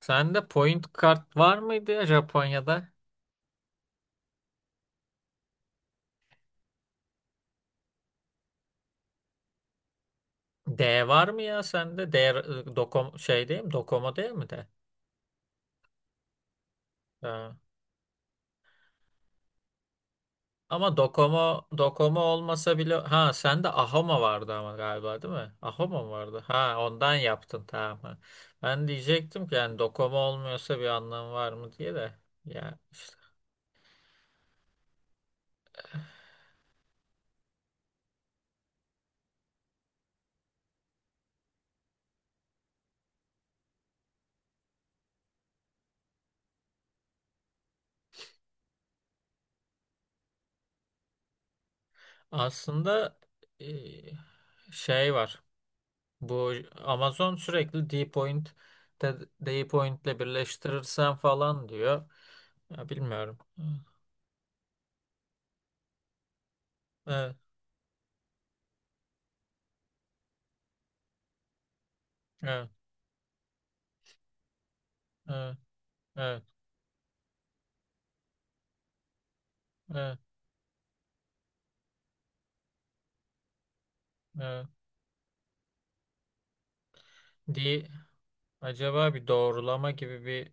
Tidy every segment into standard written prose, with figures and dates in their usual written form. Sende point kart var mıydı ya Japonya'da? D var mı ya sende? D Dokom şey değil mi? Docomo değil mi de? Ha. Ama Docomo olmasa bile sende Ahoma vardı ama galiba değil mi? Ahoma mı vardı? Ha, ondan yaptın, tamam. Ha. Ben diyecektim ki yani Docomo olmuyorsa bir anlamı var mı diye de. Ya işte aslında e, şey var. Bu Amazon sürekli Dpoint de- Dpoint'le birleştirirsen falan diyor. Ya bilmiyorum. Evet, evet, evet, evet, evet, evet. D, acaba bir doğrulama gibi bir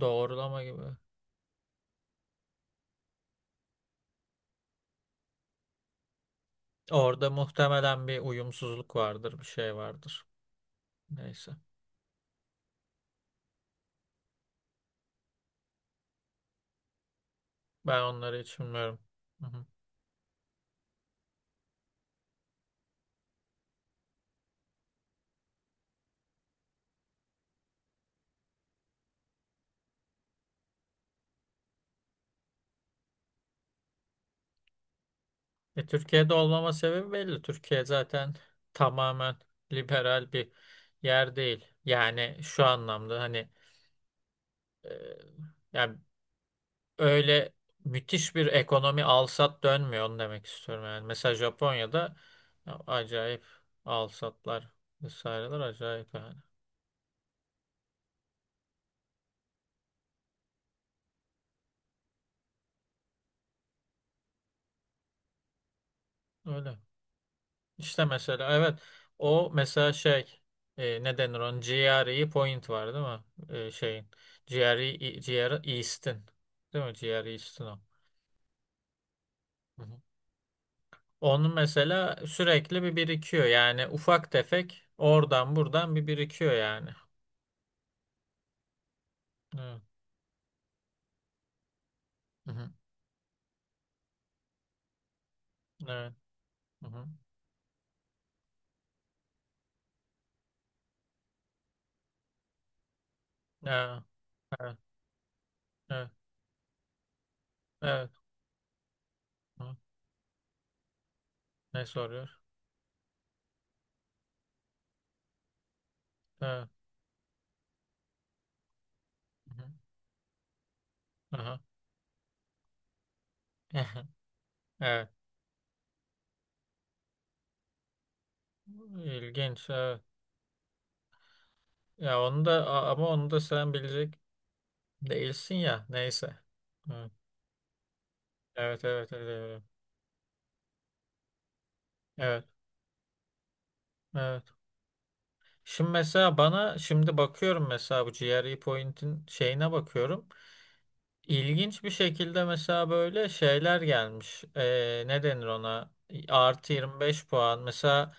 doğrulama gibi. Orada muhtemelen bir uyumsuzluk vardır, bir şey vardır. Neyse. Ben onları hiç bilmiyorum. Hı hı. E, Türkiye'de olmama sebebi belli. Türkiye zaten tamamen liberal bir yer değil. Yani şu anlamda hani, Ee, yani öyle müthiş bir ekonomi alsat dönmüyor, onu demek istiyorum yani. Mesela Japonya'da ya acayip alsatlar vesaireler acayip yani. Öyle. İşte mesela evet, o mesela şey, ne denir, onun GRE point var değil mi? E, şeyin GRE East'in değil mi? GRE East'in o. Hı hı. Onun mesela sürekli bir birikiyor, yani ufak tefek oradan buradan bir birikiyor yani. Evet. Hı hı. Evet. Hı hı. Evet, evet, evet, evet. Hı. Ne soruyor? Evet. Hı hı. Aha. Evet. İlginç, evet. Ya onu da ama onu da sen bilecek değilsin ya. Neyse. Evet, evet, evet, evet. Evet, evet, evet. Şimdi mesela bana şimdi bakıyorum, mesela bu GRE Point'in şeyine bakıyorum. İlginç bir şekilde mesela böyle şeyler gelmiş. Ne denir ona? Artı 25 puan. Mesela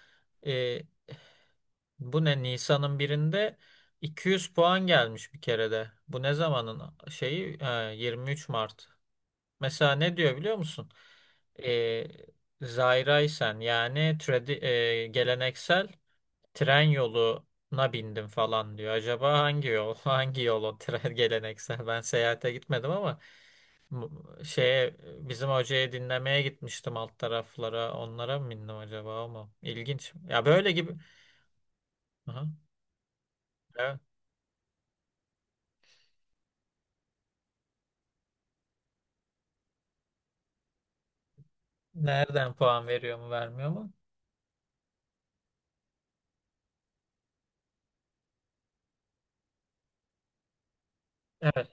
bu ne? Nisan'ın birinde 200 puan gelmiş bir kerede. Bu ne zamanın şeyi? Ha, 23 Mart. Mesela ne diyor biliyor musun? Ee, Zairaysen yani geleneksel tren yoluna bindim falan diyor. Acaba hangi yol? Hangi yol o tren geleneksel? Ben seyahate gitmedim ama şeye, bizim hocayı dinlemeye gitmiştim alt taraflara. Onlara mı bindim acaba, ama ilginç. Ya böyle gibi. Aha. Nereden puan veriyor mu vermiyor mu? Evet.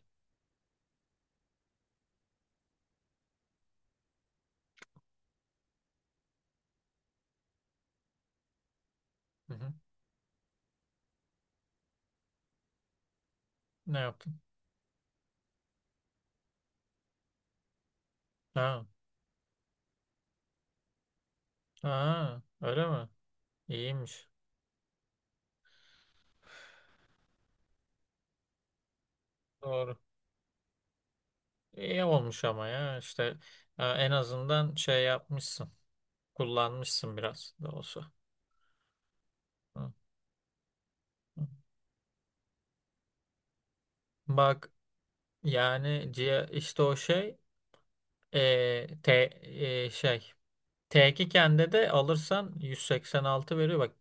Hı hı. Ne yaptın? Ha, ha, öyle mi? İyiymiş. Doğru. İyi olmuş ama ya işte en azından şey yapmışsın. Kullanmışsın biraz da olsa. Hı, hı. Bak, yani işte o şey, e, te, şey T2 kendi de alırsan 186 veriyor bak.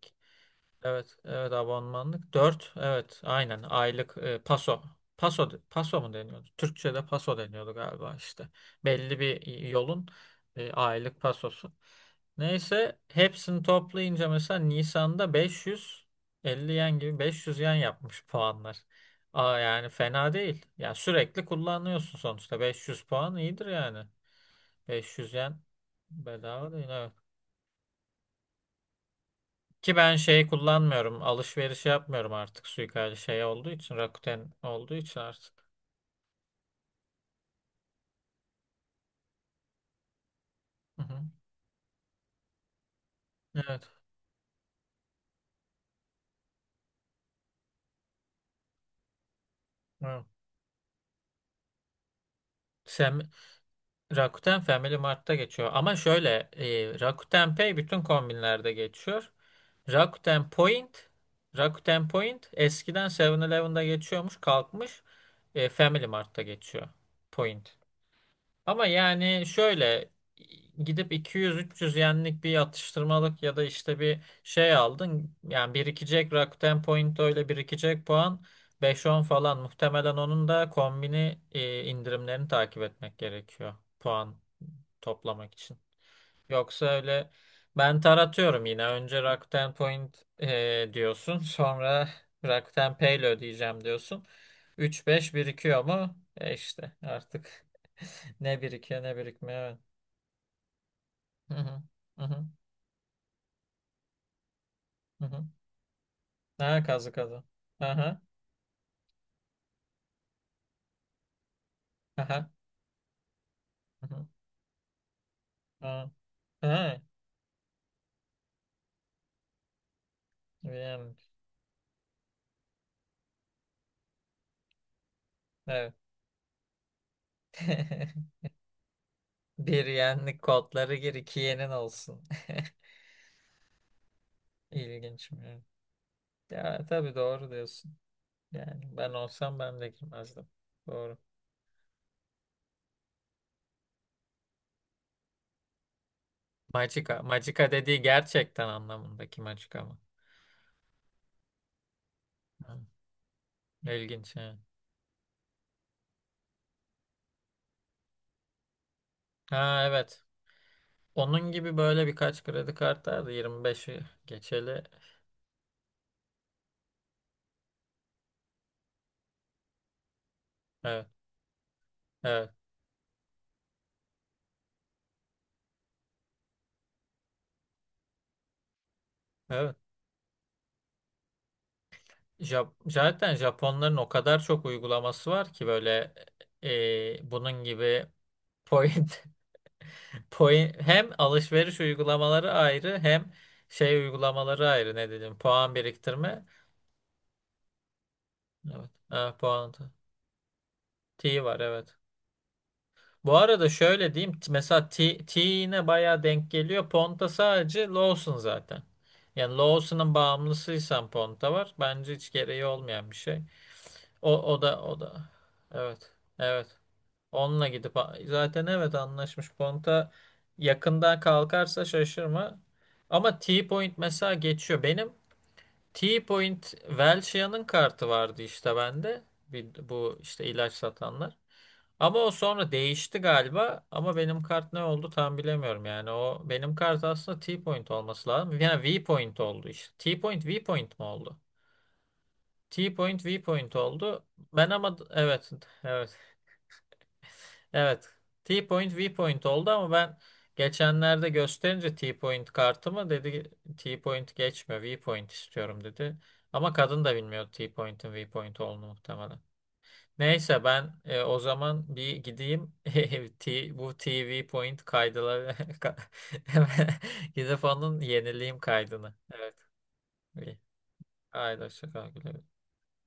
Evet, evet, abonmanlık. Dört, evet aynen, aylık paso. Paso, paso mu deniyordu? Türkçe'de paso deniyordu galiba işte. Belli bir yolun aylık pasosu. Neyse hepsini toplayınca mesela Nisan'da 550 yen gibi 500 yen yapmış puanlar. Aa, yani fena değil. Ya sürekli kullanıyorsun sonuçta. 500 puan iyidir yani. 500 yen bedava değil. Evet. Ki ben şey kullanmıyorum. Alışveriş yapmıyorum artık, suikali şey olduğu için. Rakuten olduğu için artık. Hı hı. Evet. Evet. Sem Rakuten Family Mart'ta geçiyor. Ama şöyle, Rakuten Pay bütün kombinlerde geçiyor. Rakuten Point Rakuten Point eskiden Seven elevenda geçiyormuş, kalkmış. E, Family Mart'ta geçiyor. Point. Ama yani şöyle, gidip 200-300 yenlik bir atıştırmalık ya da işte bir şey aldın. Yani birikecek Rakuten Point, öyle birikecek puan beş on falan. Muhtemelen onun da kombini indirimlerini takip etmek gerekiyor puan toplamak için. Yoksa öyle ben taratıyorum yine. Önce Rakuten Point diyorsun. Sonra Rakuten Pay'le ödeyeceğim diyorsun. Üç beş birikiyor mu? E işte artık ne birikiyor ne birikmiyor. Evet. Hı hı. Hı hı. Hı hı. Ha, kazı kazı. Aha. Aha. Hı hı. Ha. Ha. Bir yenlik. Evet. Bir yenlik kodları gir, iki yenin olsun. İlginç mi? Ya tabii doğru diyorsun. Yani ben olsam ben de girmezdim. Doğru. Magica. Magica dediği gerçekten anlamındaki Magica mı? Hı. İlginç. Ha. Ha, evet. Onun gibi böyle birkaç kredi kartı vardı, yirmi 25'i geçeli. Evet. Evet. Evet. Zaten Japonların o kadar çok uygulaması var ki böyle, bunun gibi point, point hem alışveriş uygulamaları ayrı hem şey uygulamaları ayrı, ne dedim, puan biriktirme. Evet. Ha, puan. T var, evet. Bu arada şöyle diyeyim. Mesela T'ine bayağı denk geliyor. Ponta sadece Lawson zaten. Yani Lawson'ın bağımlısıysan Ponta var. Bence hiç gereği olmayan bir şey. O, o da o da. Evet. Evet. Onunla gidip zaten evet anlaşmış. Ponta yakından kalkarsa şaşırma. Ama T-Point mesela geçiyor. Benim T-Point Welchia'nın kartı vardı işte bende. Bir, bu işte ilaç satanlar. Ama o sonra değişti galiba. Ama benim kart ne oldu tam bilemiyorum yani. O benim kart aslında T-point olması lazım. Yani V-point oldu işte. T-point V-point mi oldu? T-point V-point oldu. Ben ama evet, evet, evet. T-point V-point oldu ama ben geçenlerde gösterince T-point kartımı, dedi T-point geçme V-point istiyorum dedi. Ama kadın da bilmiyor T-point'in V-point olduğunu muhtemelen. Neyse ben o zaman bir gideyim bu TV Point kaydıları ka- hemen gidip onun yenileyim kaydını. Evet. İyi. Haydi hoşça kal. Güle güle.